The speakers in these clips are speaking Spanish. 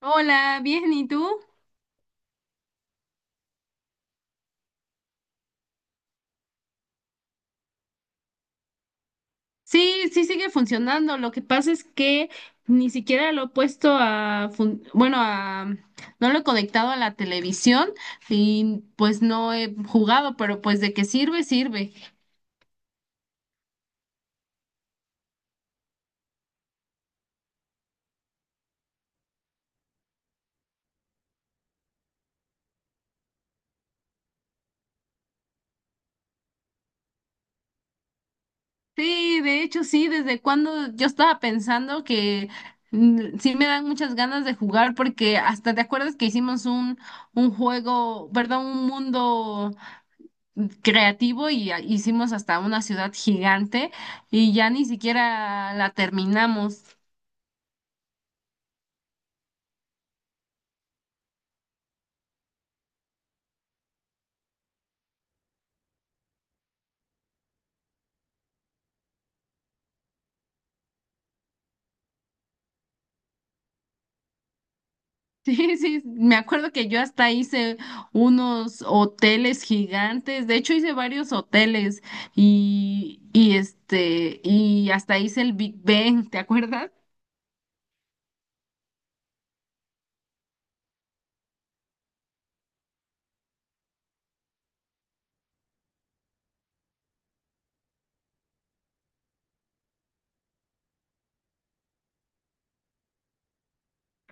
Hola, bien, ¿y tú? Sí, sí sigue funcionando. Lo que pasa es que ni siquiera lo he puesto a, bueno, a, no lo he conectado a la televisión y pues no he jugado, pero pues de qué sirve, sirve. Sí, de hecho sí, desde cuando yo estaba pensando que sí me dan muchas ganas de jugar porque hasta te acuerdas que hicimos un juego, perdón, un mundo creativo y hicimos hasta una ciudad gigante y ya ni siquiera la terminamos. Sí, sí, me acuerdo que yo hasta hice unos hoteles gigantes, de hecho hice varios hoteles y hasta hice el Big Ben, ¿te acuerdas?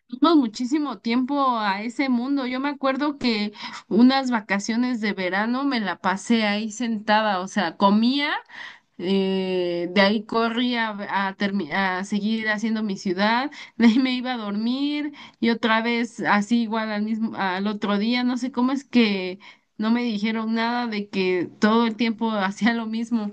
Tuvimos muchísimo tiempo a ese mundo. Yo me acuerdo que unas vacaciones de verano me la pasé ahí sentada, o sea, comía. De ahí corrí a seguir haciendo mi ciudad, de ahí me iba a dormir y otra vez así igual al mismo, al otro día, no sé cómo es que no me dijeron nada de que todo el tiempo hacía lo mismo.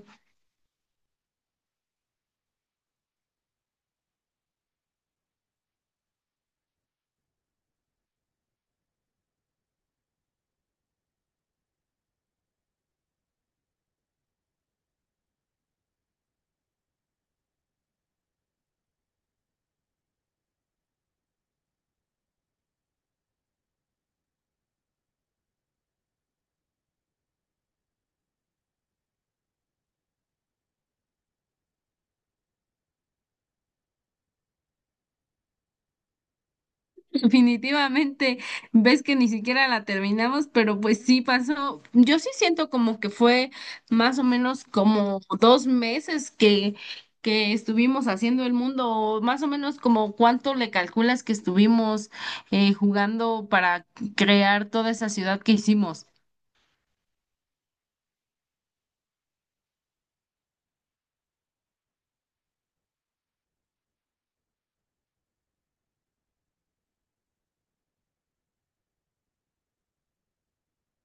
Definitivamente, ves que ni siquiera la terminamos, pero pues sí pasó. Yo sí siento como que fue más o menos como 2 meses que estuvimos haciendo el mundo, o más o menos como cuánto le calculas que estuvimos jugando para crear toda esa ciudad que hicimos.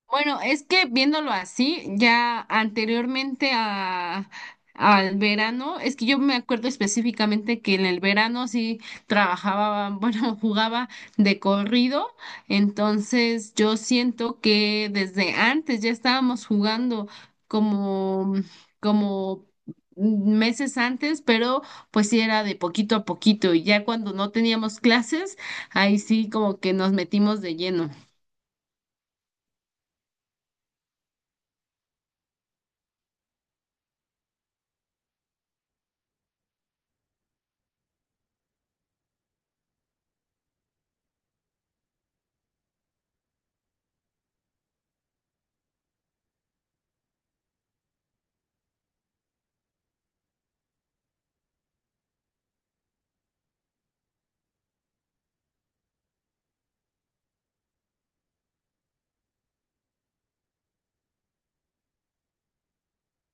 Bueno, es que viéndolo así, ya anteriormente al verano, es que yo me acuerdo específicamente que en el verano sí trabajaba, bueno, jugaba de corrido, entonces yo siento que desde antes ya estábamos jugando como, como meses antes, pero pues sí era de poquito a poquito y ya cuando no teníamos clases, ahí sí como que nos metimos de lleno.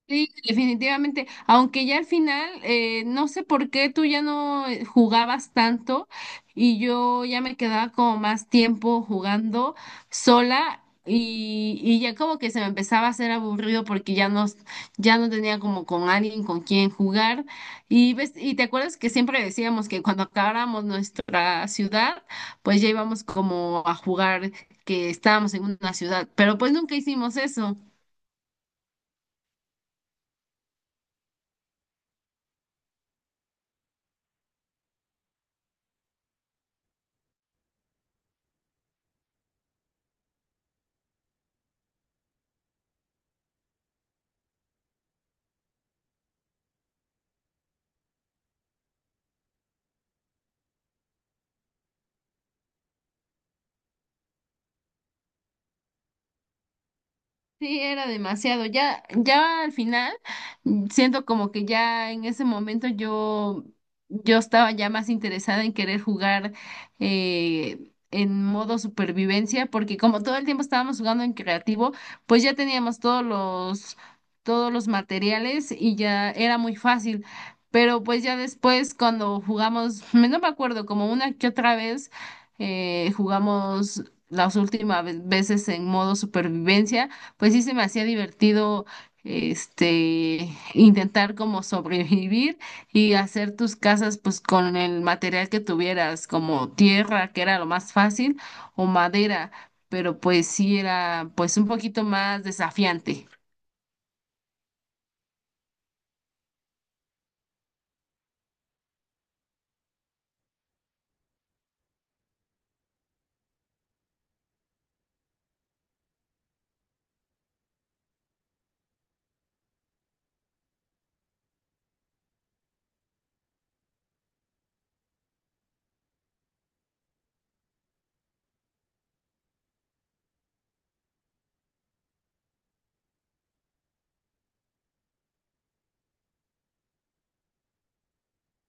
Sí, definitivamente. Aunque ya al final, no sé por qué tú ya no jugabas tanto y, yo ya me quedaba como más tiempo jugando sola y ya como que se me empezaba a hacer aburrido porque ya no, ya no tenía como con alguien con quien jugar. Y ves, y te acuerdas que siempre decíamos que cuando acabáramos nuestra ciudad, pues ya íbamos como a jugar que estábamos en una ciudad, pero pues nunca hicimos eso. Sí, era demasiado. Ya, ya al final, siento como que ya en ese momento yo estaba ya más interesada en querer jugar en modo supervivencia, porque como todo el tiempo estábamos jugando en creativo, pues ya teníamos todos los materiales y ya era muy fácil. Pero pues ya después cuando jugamos, no me acuerdo, como una que otra vez jugamos las últimas veces en modo supervivencia, pues sí se me hacía divertido este intentar como sobrevivir y hacer tus casas pues con el material que tuvieras, como tierra, que era lo más fácil, o madera, pero pues sí era pues un poquito más desafiante.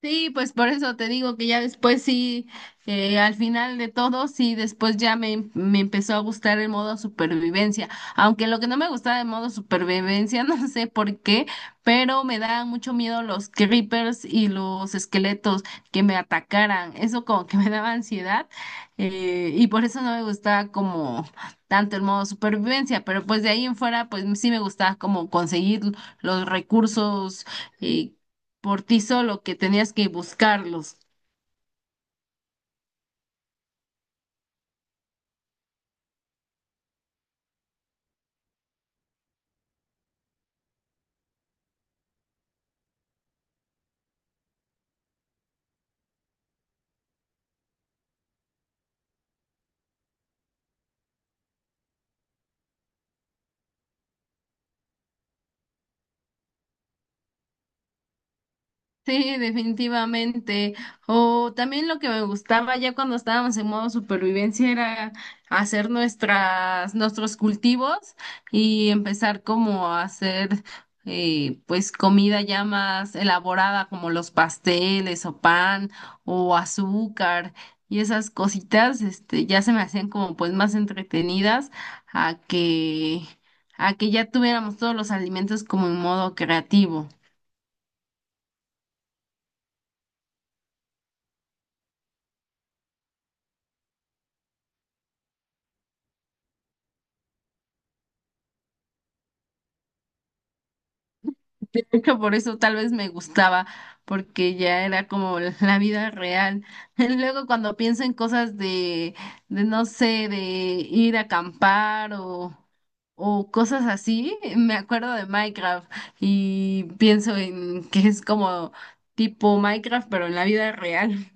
Sí, pues por eso te digo que ya después sí, al final de todo, sí, después ya me empezó a gustar el modo supervivencia. Aunque lo que no me gustaba del modo supervivencia, no sé por qué, pero me daban mucho miedo los creepers y los esqueletos que me atacaran. Eso como que me daba ansiedad y por eso no me gustaba como tanto el modo supervivencia. Pero pues de ahí en fuera, pues sí me gustaba como conseguir los recursos. eh, por ti solo que tenías que buscarlos. Sí, definitivamente. O también lo que me gustaba ya cuando estábamos en modo supervivencia era hacer nuestras, nuestros cultivos y empezar como a hacer pues comida ya más elaborada, como los pasteles o pan o azúcar y esas cositas, este, ya se me hacían como pues más entretenidas a que, a que ya tuviéramos todos los alimentos como en modo creativo. Que por eso tal vez me gustaba, porque ya era como la vida real. Luego cuando pienso en cosas de no sé, de ir a acampar o cosas así, me acuerdo de Minecraft y pienso en que es como tipo Minecraft, pero en la vida real.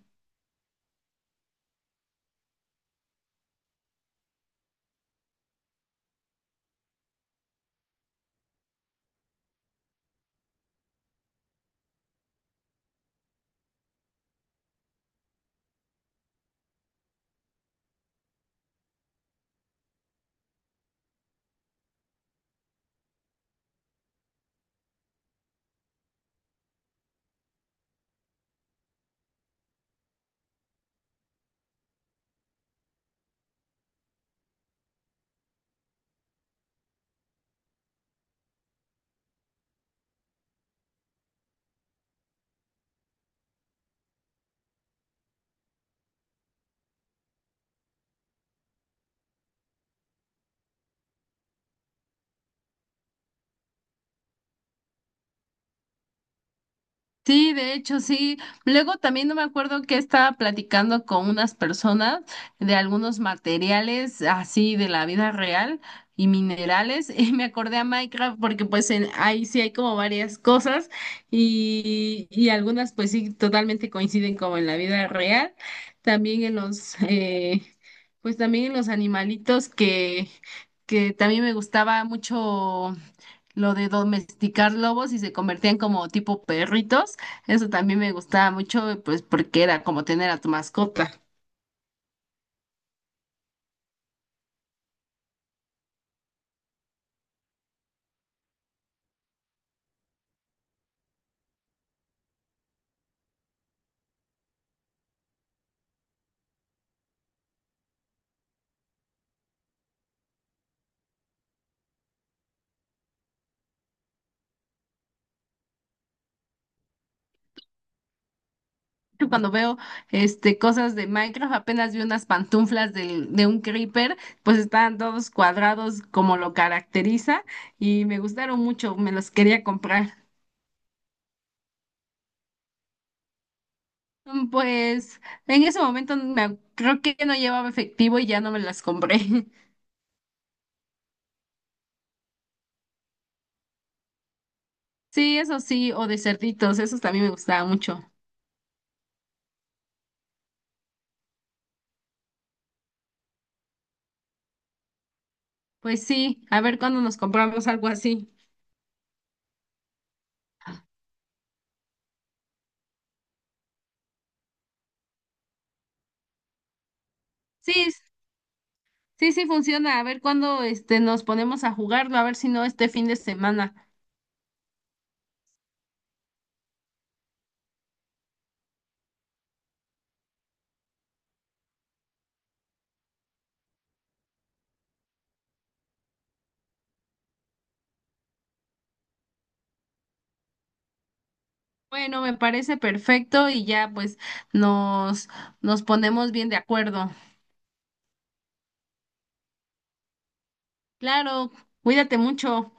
Sí, de hecho, sí. Luego también no me acuerdo que estaba platicando con unas personas de algunos materiales así de la vida real y minerales y me acordé a Minecraft porque pues ahí sí hay como varias cosas y algunas pues sí totalmente coinciden como en la vida real. También en pues también en los animalitos que también me gustaba mucho lo de domesticar lobos y se convertían como tipo perritos. Eso también me gustaba mucho, pues porque era como tener a tu mascota. Yo Cuando veo cosas de Minecraft, apenas vi unas pantuflas de un creeper, pues estaban todos cuadrados como lo caracteriza y me gustaron mucho, me los quería comprar. Pues en ese momento creo que no llevaba efectivo y ya no me las compré. Sí, eso sí, o de cerditos, esos también me gustaba mucho. Pues sí, a ver cuándo nos compramos algo así. Sí, sí, sí funciona. A ver cuándo nos ponemos a jugarlo, a ver si no este fin de semana. Bueno, me parece perfecto y ya pues nos nos ponemos bien de acuerdo. Claro, cuídate mucho.